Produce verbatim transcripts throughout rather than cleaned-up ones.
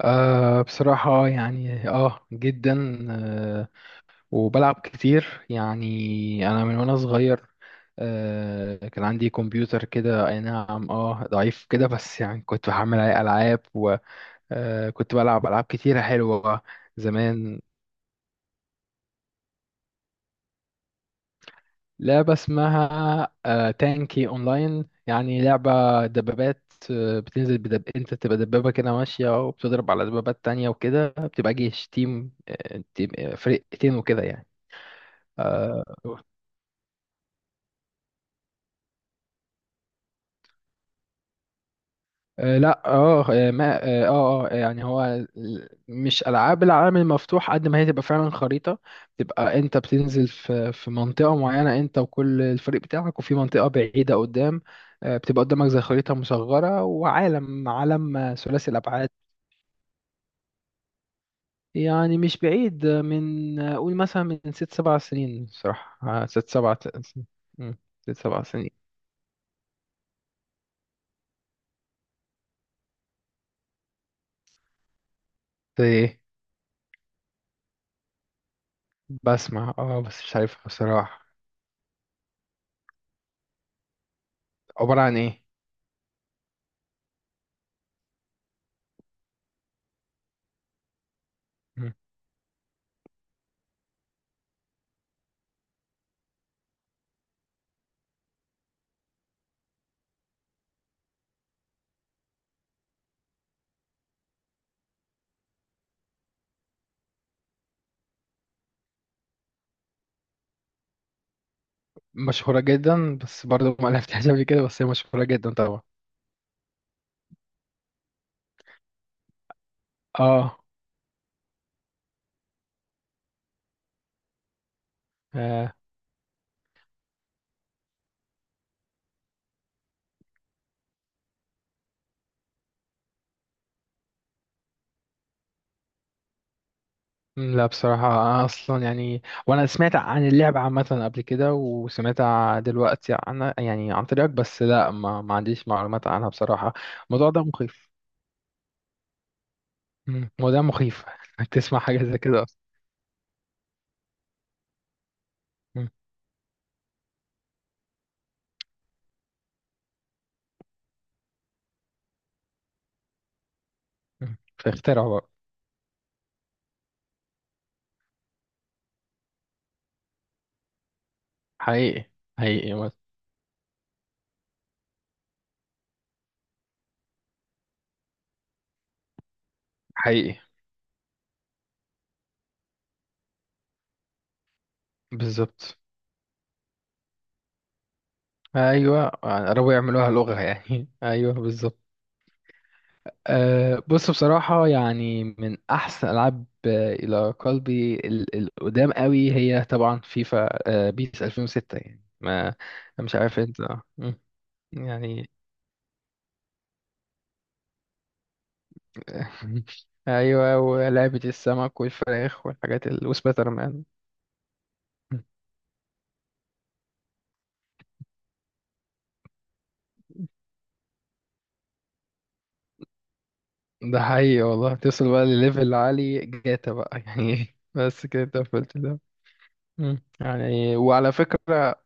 أه، بصراحة يعني اه جدا أه وبلعب كتير يعني انا من وانا صغير. أه كان عندي كمبيوتر كده، اي نعم، اه ضعيف كده، بس يعني كنت بحمل عليه العاب وكنت بلعب العاب كتيرة حلوة زمان. لعبة اسمها أه تانكي اونلاين، يعني لعبة دبابات. آه، بتنزل بدب... انت تبقى دبابة كده ماشية، وبتضرب على دبابات تانية، وكده بتبقى جيش، تيم آه، تيم آه، فرقتين وكده يعني. آه آه، لا اه آه، ما اه اه آه، يعني هو ال- مش العاب العالم المفتوح قد ما هي تبقى فعلا خريطه، تبقى انت بتنزل في في منطقه معينه انت وكل الفريق بتاعك، وفي منطقه بعيده قدام. آه، بتبقى قدامك زي خريطه مصغره، وعالم عالم آه، ثلاثي الابعاد. يعني مش بعيد، من آه، قول مثلا من ست سبع سنين، صراحه آه، ست سبع ت- سن- مم، ست سبع سنين. زي ايه؟ بسمع، اه بس مش عارفها بصراحه. عباره عن ايه؟ مشهورة جدا، بس برضه ما لعبتهاش قبل كده، بس هي مشهورة جدا طبعا. اه. آه، مم، لا، بصراحة أنا أصلا يعني وأنا سمعت عن اللعبة عامة قبل كده، وسمعت ع- دلوقتي عنها يعني عن طريقك، بس لا، ما, ما عنديش معلومات عنها بصراحة. الموضوع ده مخيف. مم، الموضوع مخيف إنك تسمع حاجة زي كده أصلا. مم، مم. فاخترعوا بقى. حقيقي. حقيقي. حقيقي. بالظبط. أيوة، قربوا يعملوها لغة يعني أيوة، بالظبط. أه بص بصراحة، يعني من أحسن ألعاب آه، إلى قلبي، ال- القدام قوي هي طبعا فيفا. أه بيس ألفين وستة يعني، ما مش عارف أنت، آه، مم. يعني أيوة، ولعبة السمك والفراخ والحاجات ال... وسبايدر مان. ده حقيقي والله، توصل بقى لليفل عالي، جاتا بقى يعني بس كده انت قفلت ده. مم. يعني، وعلى فكرة،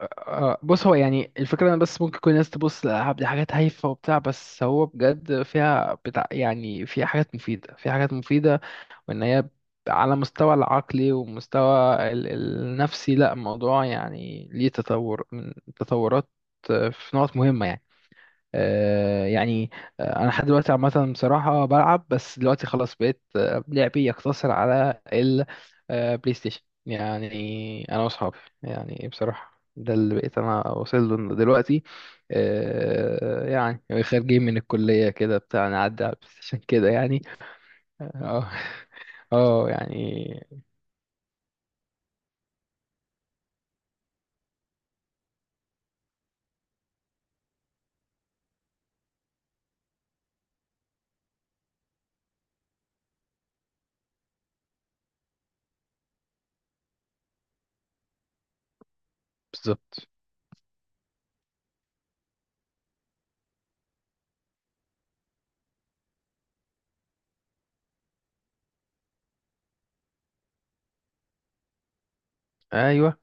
آه، آه، بص هو يعني الفكرة، أنا بس ممكن كل الناس تبص للألعاب دي حاجات هايفة وبتاع، بس هو بجد فيها بتاع يعني، فيها حاجات مفيدة، فيها حاجات مفيدة. وإن هي على مستوى العقلي، ومستوى ال- النفسي، لا الموضوع يعني ليه تطور من تطورات، آه، في نقط مهمة يعني، آه، يعني آه، انا لحد دلوقتي عامه، بصراحه بلعب، بس دلوقتي خلاص بقيت، آه، لعبي يقتصر على البلاي ستيشن. يعني انا واصحابي، يعني بصراحه ده اللي بقيت انا واصل له دلوقتي. آه، يعني خارجين من الكليه كده بتاع، نعدي على البلاي ستيشن كده يعني. اه. اه يعني، بالظبط. ايوه.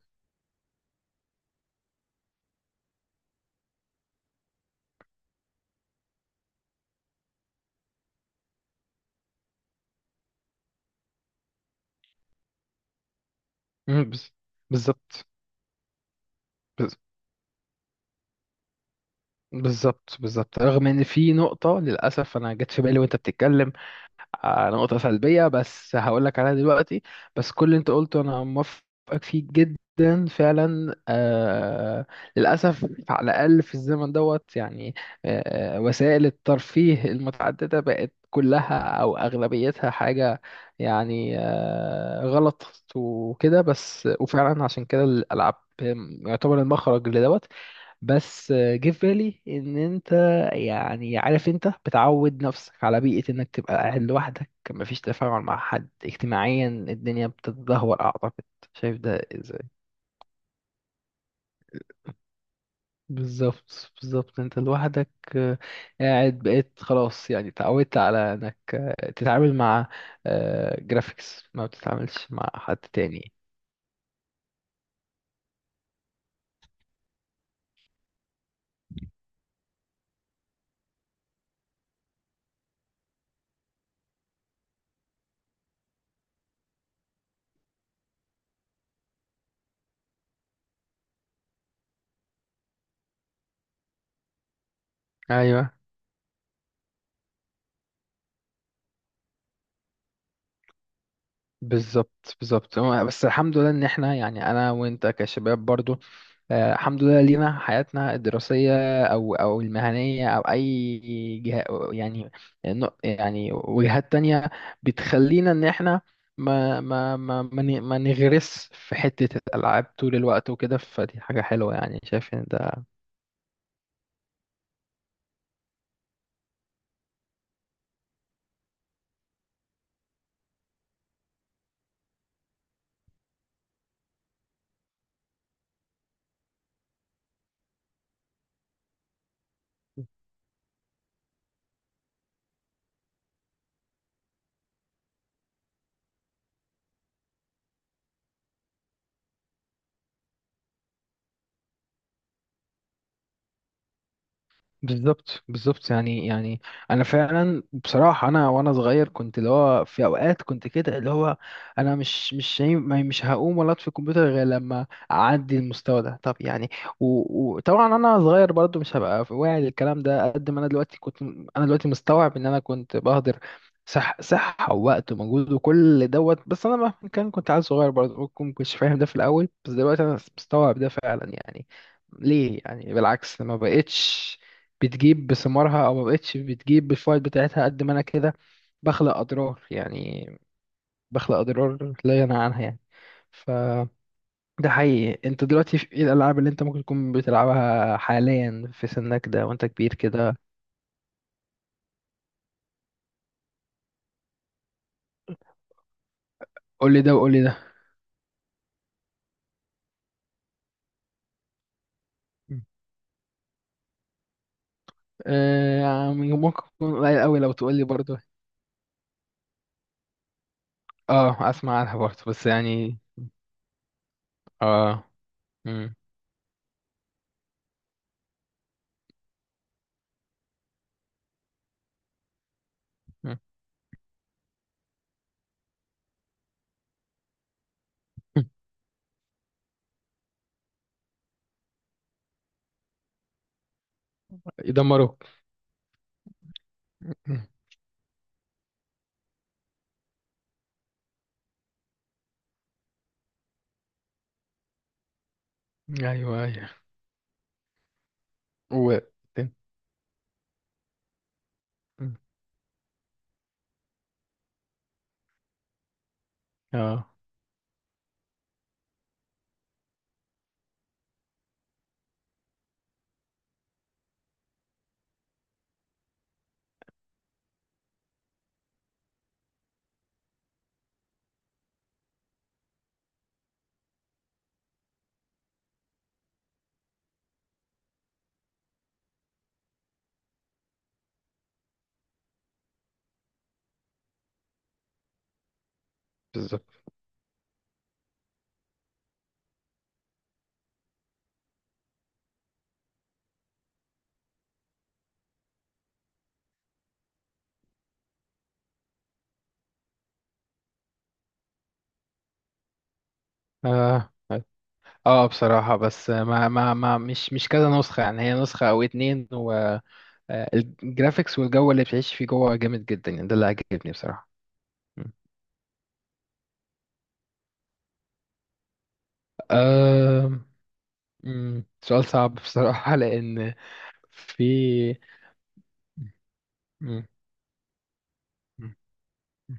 مم، بز- بالظبط. بز- بالظبط، بالظبط، رغم ان في نقطه للاسف انا جت في بالي وانت بتتكلم، آه، نقطة سلبية بس هقول لك عليها دلوقتي. بس كل اللي انت قلته انا موافقك فيه جدا فعلا آه للأسف على الأقل في الزمن دوت يعني، آه وسائل الترفيه المتعددة بقت كلها أو أغلبيتها حاجة يعني آه غلط وكده، بس وفعلا عشان كده الألعاب يعتبر المخرج لدوت. بس آه، جه في بالي ان انت يعني عارف، انت بتعود نفسك على بيئة انك تبقى قاعد لوحدك، مفيش تفاعل مع حد اجتماعيا، الدنيا بتتدهور اعتقد. شايف ده ازاي؟ بالظبط، بالظبط، انت لوحدك. آه، قاعد بقيت خلاص يعني، تعودت على انك آه، تتعامل مع جرافيكس، ما بتتعاملش مع حد تاني. ايوه، بالظبط، بالظبط هو- بس الحمد لله ان احنا يعني انا وانت كشباب برضو، آه، الحمد لله لينا حياتنا الدراسية أو أو المهنية أو أي جهة، يعني نق- يعني وجهات تانية بتخلينا إن إحنا ما ما ما ما ن- ما نغرس في حتة الألعاب طول الوقت وكده، فدي حاجة حلوة يعني، شايف إن ده بالظبط، بالظبط، يعني يعني انا فعلا بصراحه، انا وانا صغير كنت اللي هو، في اوقات كنت كده اللي هو، انا مش مش شايف- ما- مش هقوم ولا اطفي الكمبيوتر غير لما اعدي المستوى ده، طب يعني و- وطبعا انا صغير برضو، مش هبقى واعي للكلام ده قد ما انا دلوقتي، كنت انا دلوقتي مستوعب ان انا كنت بهدر صح صحه ووقت ومجهود وكل دوت، بس انا مهما كان كنت عيل صغير برضو، ممكن ما كنتش فاهم ده في الاول، بس دلوقتي انا مستوعب ده فعلا يعني. ليه يعني، بالعكس ما بقتش بتجيب بثمارها، او ما بقتش بتجيب بالفوائد بتاعتها قد ما انا كده بخلق اضرار يعني، بخلق اضرار لا ينهى عنها يعني. ف ده حقيقي، انت دلوقتي في ايه الالعاب اللي انت ممكن تكون بتلعبها حاليا في سنك ده وانت كبير كده؟ قول لي ده وقول لي ده. آه يعني ممكن تكون قليل قوي لو تقول لي برضه. اه، اسمع عنها برضه بس يعني. اه. مم. مم. يدمروك. مم. ايوه، ايوه، و مم. اه، بالظبط. آه. اه بصراحة، بس ما ما ما مش مش كذا نسخة يعني، هي نسخة او اتنين. والجرافيكس والجو اللي بتعيش فيه جوه جامد جدا يعني، ده اللي عجبني بصراحة. مم. آم، مم، سؤال صعب بصراحة، لأن في مم، مم، مم.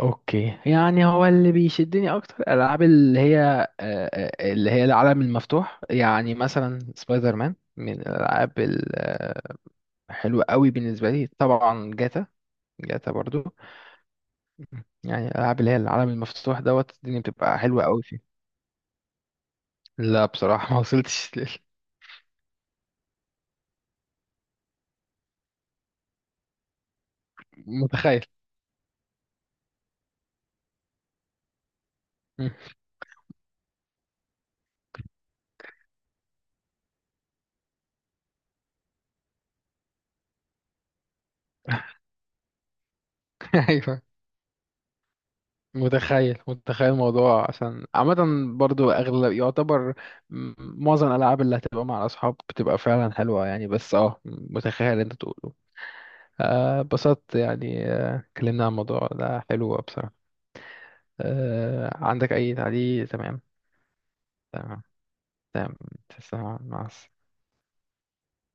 اوكي يعني، هو اللي بيشدني اكتر الالعاب اللي هي آه، آه، اللي هي العالم المفتوح، يعني مثلا سبايدر مان من الالعاب الحلوة قوي بالنسبة لي، طبعا جاتا. جاتا برضو. يعني الألعاب اللي هي العالم المفتوح دوت، الدنيا بتبقى حلوة أوي فيه. لا بصراحة ما وصلتش لل- متخيل. مم. أيوه. متخيل، متخيل الموضوع، عشان عامة برضو أغلب يعتبر م- معظم الألعاب اللي هتبقى مع الأصحاب بتبقى فعلا حلوة يعني، بس اه متخيل اللي أنت تقوله. آه، اتبسطت يعني، آه، اتكلمنا عن الموضوع ده، حلو بصراحة. آه، عندك أي تعليق؟ تمام. تمام. تمام. تسلم، مع السلامة.